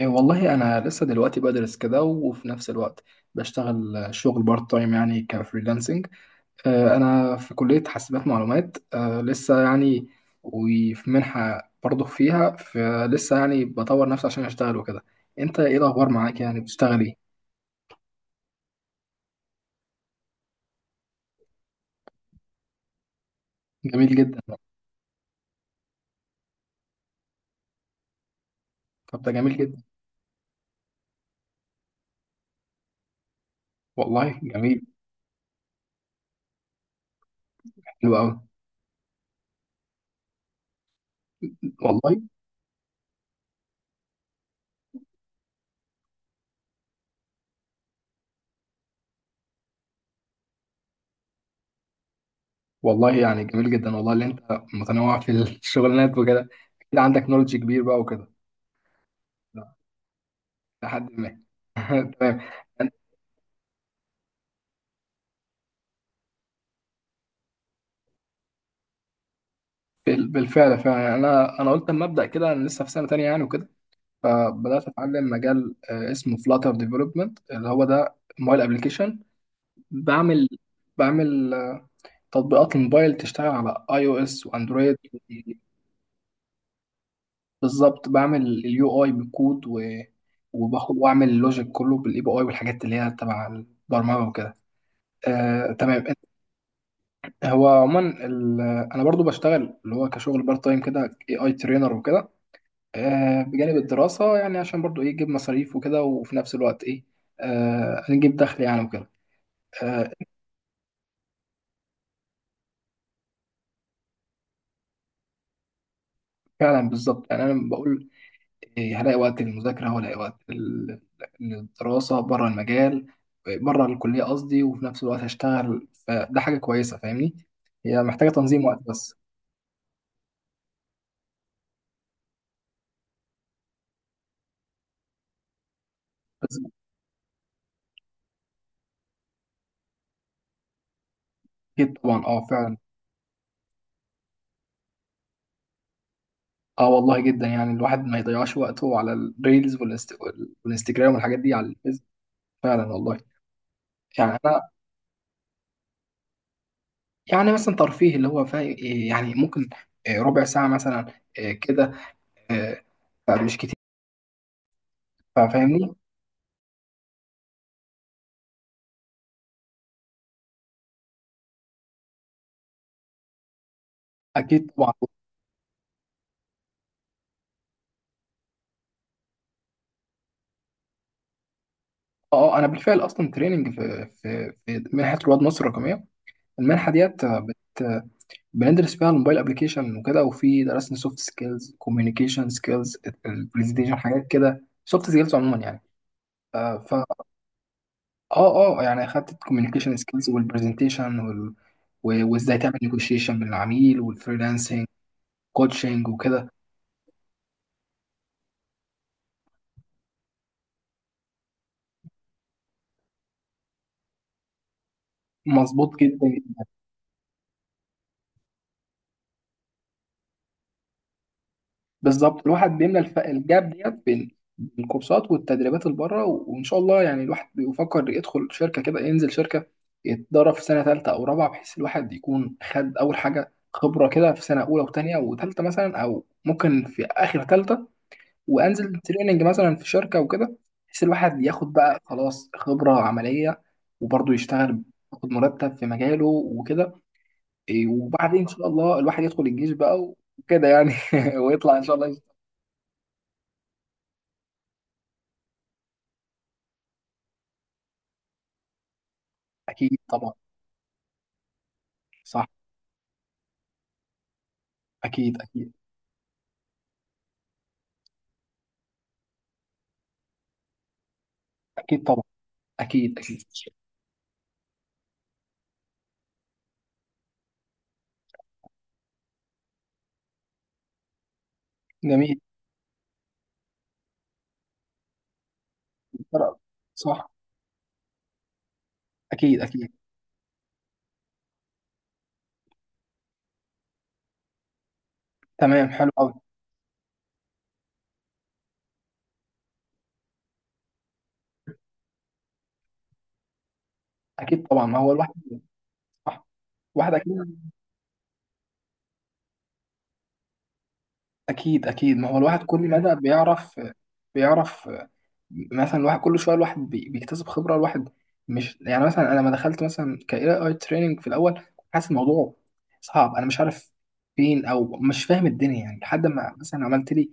إيه والله أنا لسه دلوقتي بدرس كده وفي نفس الوقت بشتغل شغل بارت تايم يعني كفريلانسنج. أنا في كلية حاسبات معلومات، لسه يعني. وفي منحة برضه فيها فلسه، يعني بطور نفسي عشان أشتغل وكده. أنت إيه الأخبار معاك؟ يعني بتشتغل إيه؟ جميل جدا. طب ده جميل جدا. والله جميل. حلو أوي. والله. والله يعني جميل جدا والله، اللي أنت متنوع في الشغلانات وكده. أكيد عندك نولج كبير بقى وكده. لحد ما. تمام. بالفعل فعلا، يعني انا قلت اما ابدا كده، انا لسه في سنه تانية يعني وكده. فبدات اتعلم مجال اسمه فلاتر ديفلوبمنت، اللي هو ده موبايل ابلكيشن. بعمل بعمل تطبيقات الموبايل تشتغل على اي او اس واندرويد. بالظبط، بعمل اليو اي بالكود وباخد واعمل اللوجيك كله بالاي بي اي والحاجات اللي هي تبع البرمجه وكده. تمام. هو عموما ال- انا برضو بشتغل اللي هو كشغل بارت تايم كده اي اي ترينر وكده، بجانب الدراسة، يعني عشان برضو ايه يجيب مصاريف وكده، وفي نفس الوقت ايه نجيب دخل يعني وكده. آه، فعلا بالظبط، يعني انا بقول إيه هلاقي وقت للمذاكرة وهلاقي وقت للدراسة بره المجال، بره الكلية قصدي، وفي نفس الوقت هشتغل، فده حاجة كويسة فاهمني. هي محتاجة تنظيم وقت بس. بس أكيد طبعا، اه فعلا. اه والله، جدا، يعني الواحد ما يضيعش وقته على الريلز والانستجرام والحاجات دي، على الفيسبوك. فعلا والله. يعني يعني مثلا ترفيه اللي هو فا، يعني ممكن ربع ساعة مثلا، كده، آه، فمش كتير. فاهمني. أكيد طبعا. أه، أنا بالفعل أصلا تريننج في في منحة رواد مصر الرقمية، المنحة ديت آه، بت آه، بندرس فيها الموبايل أبلكيشن وكده، وفي درسنا سوفت سكيلز، كوميونيكيشن سكيلز، البرزنتيشن، حاجات كده سوفت سكيلز عموما يعني. آه، فا أه أه، يعني أخدت الكوميونيكيشن سكيلز والبرزنتيشن وال... وإزاي تعمل نيجوشيشن من العميل، والفريلانسنج كوتشنج وكده. مظبوط جدا. بالظبط، الواحد بيملى الجاب ديت بين الكورسات والتدريبات اللي بره، وان شاء الله يعني الواحد بيفكر يدخل شركه كده، ينزل شركه يتدرب في سنه ثالثه او رابعه، بحيث الواحد يكون خد اول حاجه خبره كده في سنه اولى وثانيه وثالثه مثلا، او ممكن في اخر ثالثه وانزل تريننج مثلا في شركه وكده، بحيث الواحد ياخد بقى خلاص خبره عمليه، وبرضه يشتغل ياخد مرتب في مجاله وكده. إيه، وبعدين ان شاء الله الواحد يدخل الجيش بقى وكده يعني. ويطلع ان شاء الله. اكيد طبعا. صح. اكيد اكيد. اكيد طبعا. اكيد اكيد. جميل. صح. اكيد اكيد. تمام، حلو قوي. اكيد طبعا، ما هو الواحد. صح. واحد اكيد. اكيد اكيد، ما هو الواحد كل مدى بيعرف. بيعرف مثلا الواحد كل شويه، الواحد بيكتسب خبره، الواحد مش يعني مثلا، انا لما دخلت مثلا ك إيه اي تريننج في الاول، كنت حاسس الموضوع صعب، انا مش عارف فين، او مش فاهم الدنيا يعني، لحد ما مثلا عملت لي.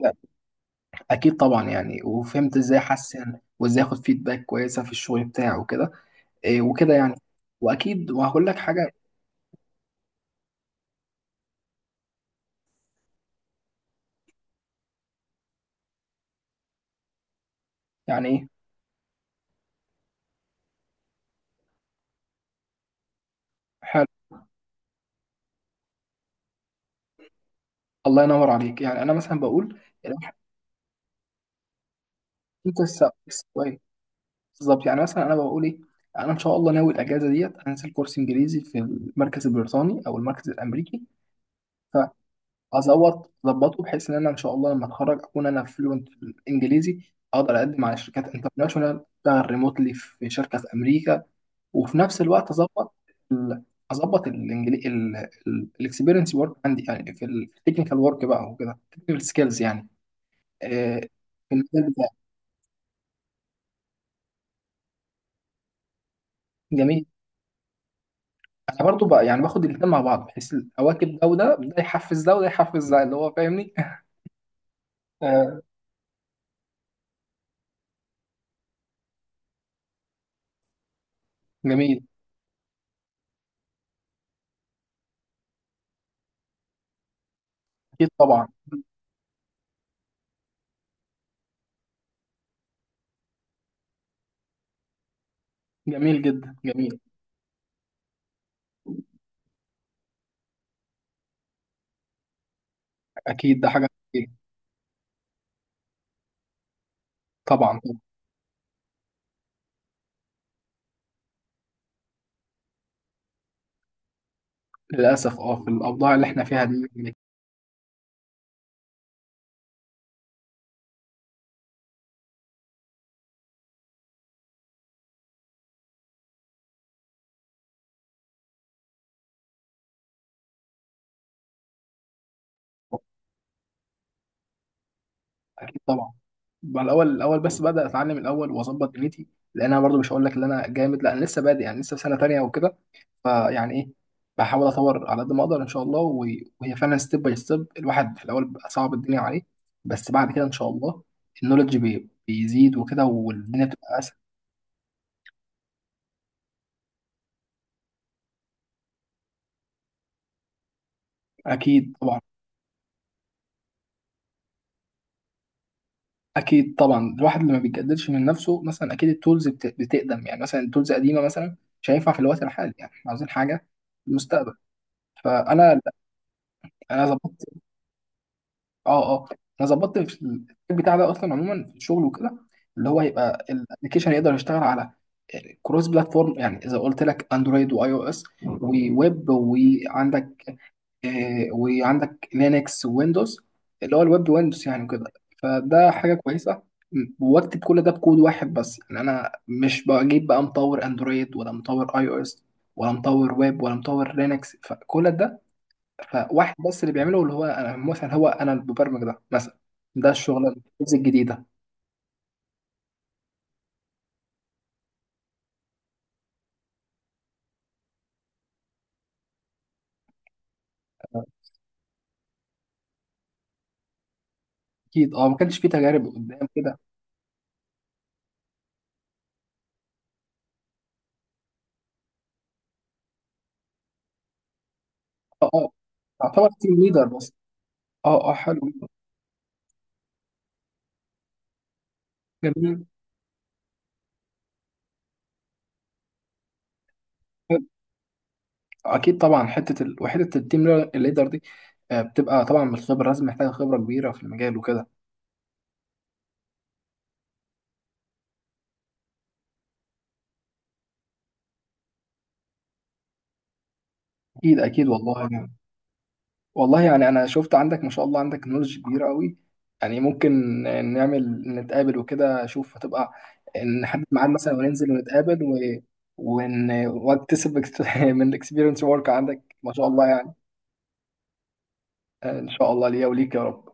لا، اكيد طبعا، يعني وفهمت ازاي احسن، وازاي اخد فيدباك كويسه في الشغل بتاعي وكده. إيه وكده يعني. واكيد وهقول لك حاجه. يعني ايه. حلو. الله ينور عليك، يعني انا مثلا بقول الواحد- انت بالظبط، يعني مثلا انا بقول ايه، انا ان شاء الله ناوي الاجازه ديت انزل كورس انجليزي في المركز البريطاني او المركز الامريكي، فازوط اظبطه بحيث ان انا ان شاء الله لما اتخرج اكون انا فلوينت في الانجليزي، اقدر اقدم على شركات انترناشونال، اشتغل ريموتلي في شركه في امريكا، وفي نفس الوقت اظبط ال- اظبط الاكسبيرينس ورك عندي، يعني في التكنيكال ورك بقى وكده، التكنيكال سكيلز يعني آه، في المجال بتاعي. جميل. انا برضو بقى يعني باخد الاثنين مع بعض، بحيث اواكب ده وده، ده يحفز ده وده يحفز ده، اللي هو فاهمني. آه. جميل. اكيد طبعا. جميل جدا، جميل. اكيد ده حاجه. أكيد. طبعا. للاسف، اه، في الاوضاع اللي احنا فيها دي. اكيد طبعا. بقى الاول الاول بس، بدا اتعلم الاول واظبط دنيتي، لان انا برضو مش هقول لك ان انا جامد، لا انا لسه بادئ يعني، لسه في سنه تانيه وكده. فيعني ايه، بحاول اطور على قد ما اقدر ان شاء الله، وهي فعلا ستيب باي ستيب، الواحد في الاول بيبقى صعب الدنيا عليه، بس بعد كده ان شاء الله النولج بيزيد وكده، والدنيا بتبقى اسهل. اكيد طبعا. اكيد طبعا، الواحد اللي ما بيتجددش من نفسه مثلا، اكيد التولز بتقدم، يعني مثلا التولز قديمه مثلا مش هينفع في الوقت الحالي، يعني احنا عاوزين حاجه في المستقبل. فانا، انا ظبطت. اه اه. انا ظبطت في التيم بتاع ده اصلا عموما في الشغل وكده، اللي هو يبقى الابلكيشن يقدر يشتغل على كروس بلاتفورم، يعني اذا قلت لك اندرويد واي او اس وويب، وعندك وعندك لينكس وويندوز، اللي هو الويب ويندوز يعني وكده. فده حاجه كويسه. واكتب كل ده بكود واحد بس، يعني انا مش بجيب بقى مطور اندرويد ولا مطور اي او اس ولا مطور ويب ولا مطور لينكس، فكل ده فواحد بس اللي بيعمله، اللي هو انا مثلا، هو انا المبرمج ده مثلا، ده الشغل الجزء الجديده. اكيد اه، ما كانش فيه تجارب قدام كده. اه اه، تعتبر تيم ليدر بس. اه اه، حلو، جميل. اكيد طبعا، حته ال... وحته التيم ليدر دي بتبقى طبعا من الخبره، لازم محتاجه خبره كبيره في المجال وكده. اكيد اكيد والله يعني. والله يعني انا شفت عندك ما شاء الله، عندك نولج كبيره قوي، يعني ممكن نعمل نتقابل وكده، اشوف هتبقى، نحدد ميعاد مثلا وننزل ونتقابل واكتسب من الاكسبيرينس ورك عندك ما شاء الله يعني. ان شاء الله ليا وليك يا رب.